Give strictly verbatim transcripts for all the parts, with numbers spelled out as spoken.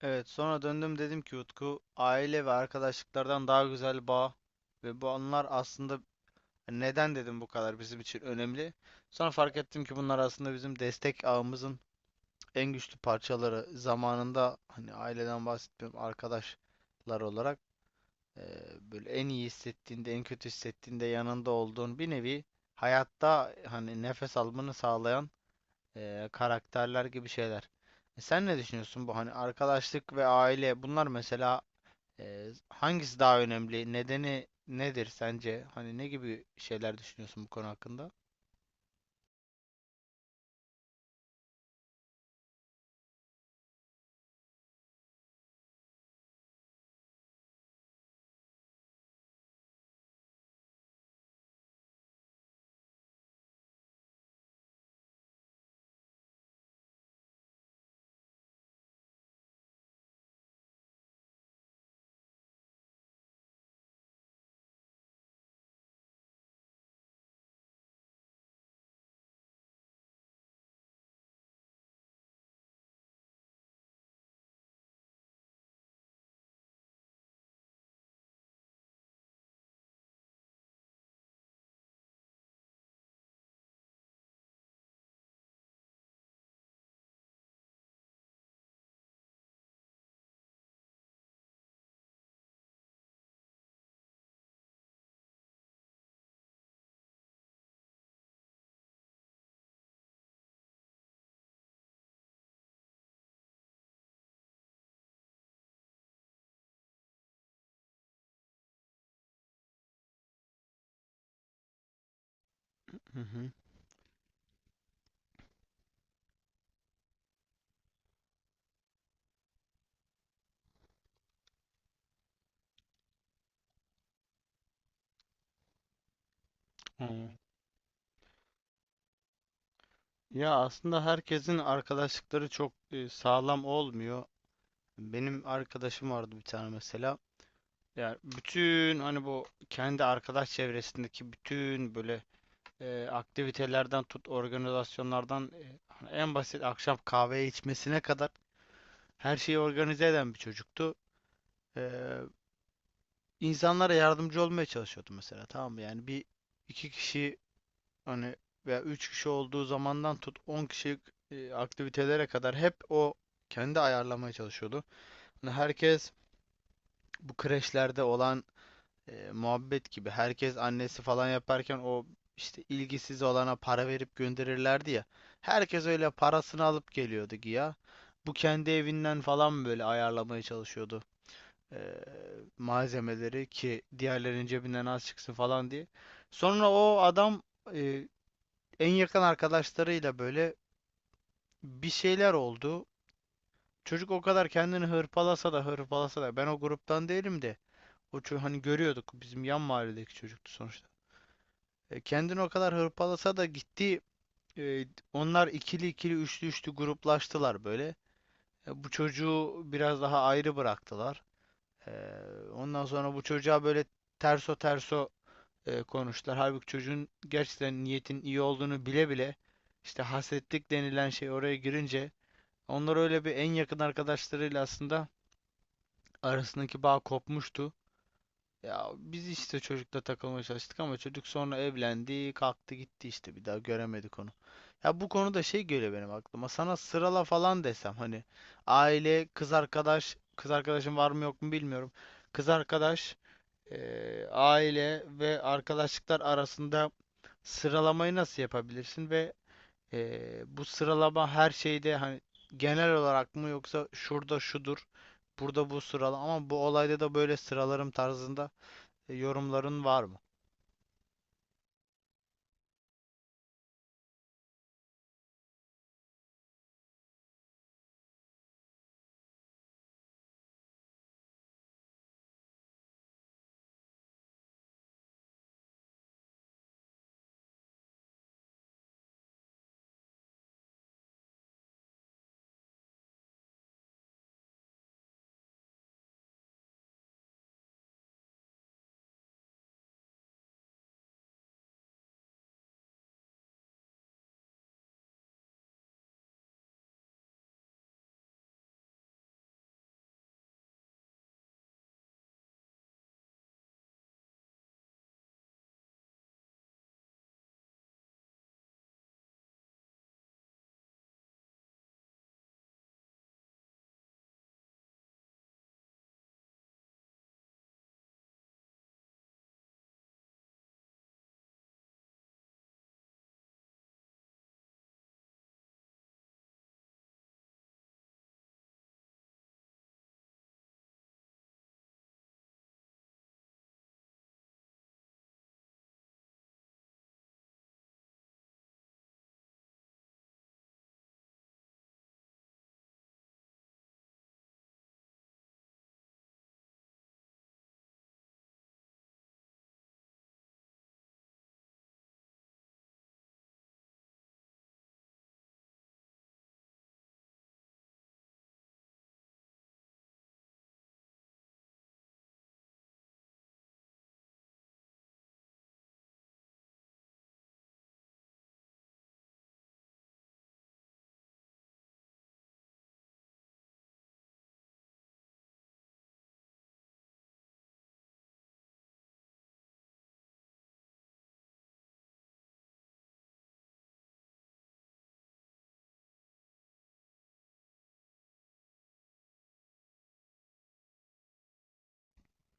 Evet, sonra döndüm dedim ki Utku aile ve arkadaşlıklardan daha güzel bağ ve bu anılar aslında neden dedim bu kadar bizim için önemli. Sonra fark ettim ki bunlar aslında bizim destek ağımızın en güçlü parçaları. Zamanında hani aileden bahsetmiyorum arkadaşlar olarak eee, böyle en iyi hissettiğinde en kötü hissettiğinde yanında olduğun bir nevi hayatta hani nefes almanı sağlayan eee, karakterler gibi şeyler. E Sen ne düşünüyorsun bu hani arkadaşlık ve aile bunlar mesela ee, hangisi daha önemli? Nedeni nedir sence? Hani ne gibi şeyler düşünüyorsun bu konu hakkında? Hı hı. Ee, Ya aslında herkesin arkadaşlıkları çok e, sağlam olmuyor. Benim arkadaşım vardı bir tane mesela. Yani bütün hani bu kendi arkadaş çevresindeki bütün böyle e, aktivitelerden tut organizasyonlardan e, hani en basit akşam kahve içmesine kadar her şeyi organize eden bir çocuktu. Ee, insanlara yardımcı olmaya çalışıyordum mesela, tamam mı? Yani bir iki kişi hani veya üç kişi olduğu zamandan tut on kişilik e, aktivitelere kadar hep o kendi ayarlamaya çalışıyordu. Hani herkes bu kreşlerde olan e, muhabbet gibi, herkes annesi falan yaparken o işte ilgisiz olana para verip gönderirlerdi ya. Herkes öyle parasını alıp geliyordu ya. Bu kendi evinden falan böyle ayarlamaya çalışıyordu e, malzemeleri ki diğerlerinin cebinden az çıksın falan diye. Sonra o adam e, en yakın arkadaşlarıyla böyle bir şeyler oldu. Çocuk o kadar kendini hırpalasa da hırpalasa da, ben o gruptan değilim de o ço- hani görüyorduk, bizim yan mahalledeki çocuktu sonuçta. E, kendini o kadar hırpalasa da gitti, e, onlar ikili ikili üçlü üçlü gruplaştılar böyle. E, bu çocuğu biraz daha ayrı bıraktılar. E, Ondan sonra bu çocuğa böyle terso terso e, konuştular. Halbuki çocuğun gerçekten niyetin iyi olduğunu bile bile, işte hasetlik denilen şey oraya girince, onlar öyle bir en yakın arkadaşlarıyla aslında arasındaki bağ kopmuştu. Ya biz işte çocukla takılmaya çalıştık ama çocuk sonra evlendi, kalktı gitti, işte bir daha göremedik onu. Ya bu konuda şey geliyor benim aklıma. Sana sırala falan desem hani aile, kız arkadaş, kız arkadaşın var mı yok mu bilmiyorum. Kız arkadaş, eee, aile ve arkadaşlıklar arasında sıralamayı nasıl yapabilirsin ve e, bu sıralama her şeyde hani genel olarak mı, yoksa şurada şudur, burada bu sıralama ama bu olayda da böyle sıralarım tarzında e, yorumların var mı?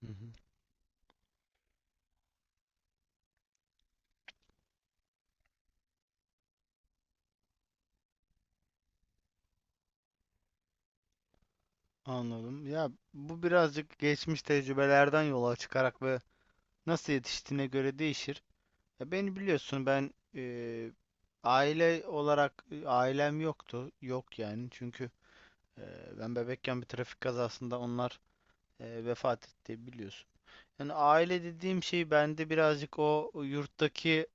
Hı hı. Anladım. Ya bu birazcık geçmiş tecrübelerden yola çıkarak ve nasıl yetiştiğine göre değişir. Ya beni biliyorsun, ben e, aile olarak e, ailem yoktu. Yok yani, çünkü e, ben bebekken bir trafik kazasında onlar e, vefat etti biliyorsun. Yani aile dediğim şey bende birazcık o yurttaki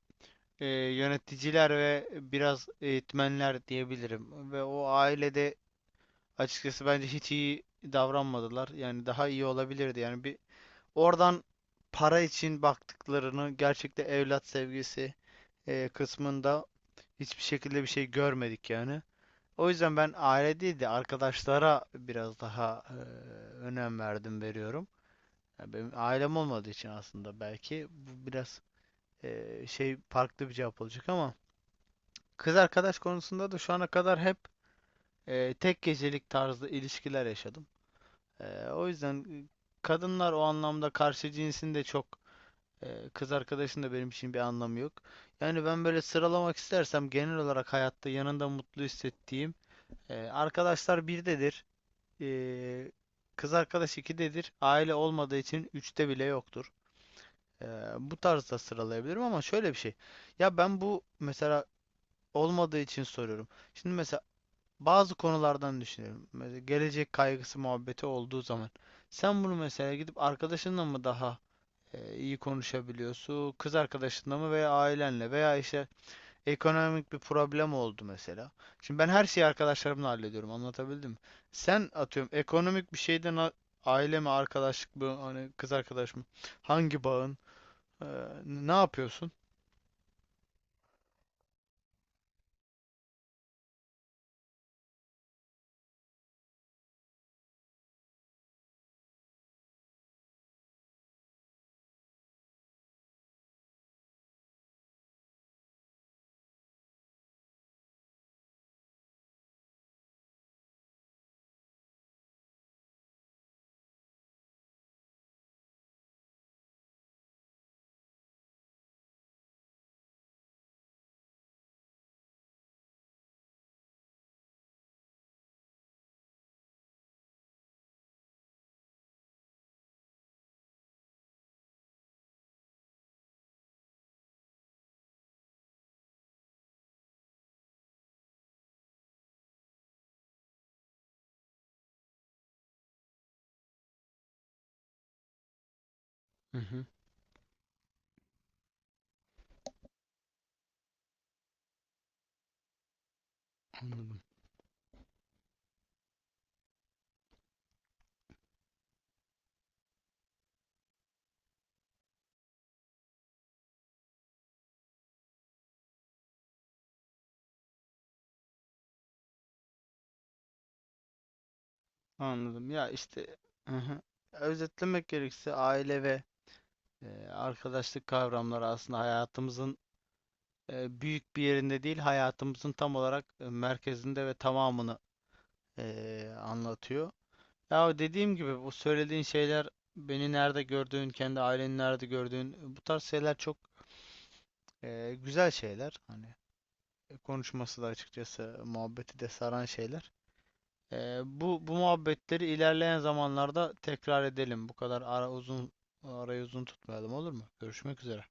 e, yöneticiler ve biraz eğitmenler diyebilirim. Ve o ailede açıkçası bence hiç iyi davranmadılar. Yani daha iyi olabilirdi. Yani bir oradan para için baktıklarını, gerçekten evlat sevgisi e, kısmında hiçbir şekilde bir şey görmedik yani. O yüzden ben aile değil de arkadaşlara biraz daha e, önem verdim, veriyorum. Ya benim ailem olmadığı için aslında belki bu biraz e, şey, farklı bir cevap olacak ama kız arkadaş konusunda da şu ana kadar hep e, tek gecelik tarzlı ilişkiler yaşadım. E, o yüzden e, Kadınlar o anlamda, karşı cinsin de çok e, kız arkadaşın da benim için bir anlamı yok. Yani ben böyle sıralamak istersem, genel olarak hayatta yanında mutlu hissettiğim e, arkadaşlar birdedir. E, Kız arkadaş ikidedir. Aile olmadığı için üçte bile yoktur. E, Bu tarzda sıralayabilirim ama şöyle bir şey. Ya ben bu mesela olmadığı için soruyorum. Şimdi mesela bazı konulardan düşünelim. Mesela gelecek kaygısı muhabbeti olduğu zaman sen bunu mesela gidip arkadaşınla mı daha e, iyi konuşabiliyorsun, kız arkadaşınla mı, veya ailenle, veya işte ekonomik bir problem oldu mesela. Şimdi ben her şeyi arkadaşlarımla hallediyorum. Anlatabildim mi? Sen atıyorum ekonomik bir şeyden a- aile mi, arkadaşlık mı, hani kız arkadaş mı? Hangi bağın? Ee, ne yapıyorsun? Hı hı, anladım. Anladım. Ya işte, hı hı. Özetlemek gerekirse aile ve e, arkadaşlık kavramları aslında hayatımızın e, büyük bir yerinde değil, hayatımızın tam olarak e, merkezinde ve tamamını e, anlatıyor. Ya dediğim gibi bu söylediğin şeyler, beni nerede gördüğün, kendi aileni nerede gördüğün, e, bu tarz şeyler çok e, güzel şeyler. Hani e, konuşması da, açıkçası muhabbeti de saran şeyler. Ee, bu bu muhabbetleri ilerleyen zamanlarda tekrar edelim. Bu kadar ara uzun arayı uzun tutmayalım, olur mu? Görüşmek üzere.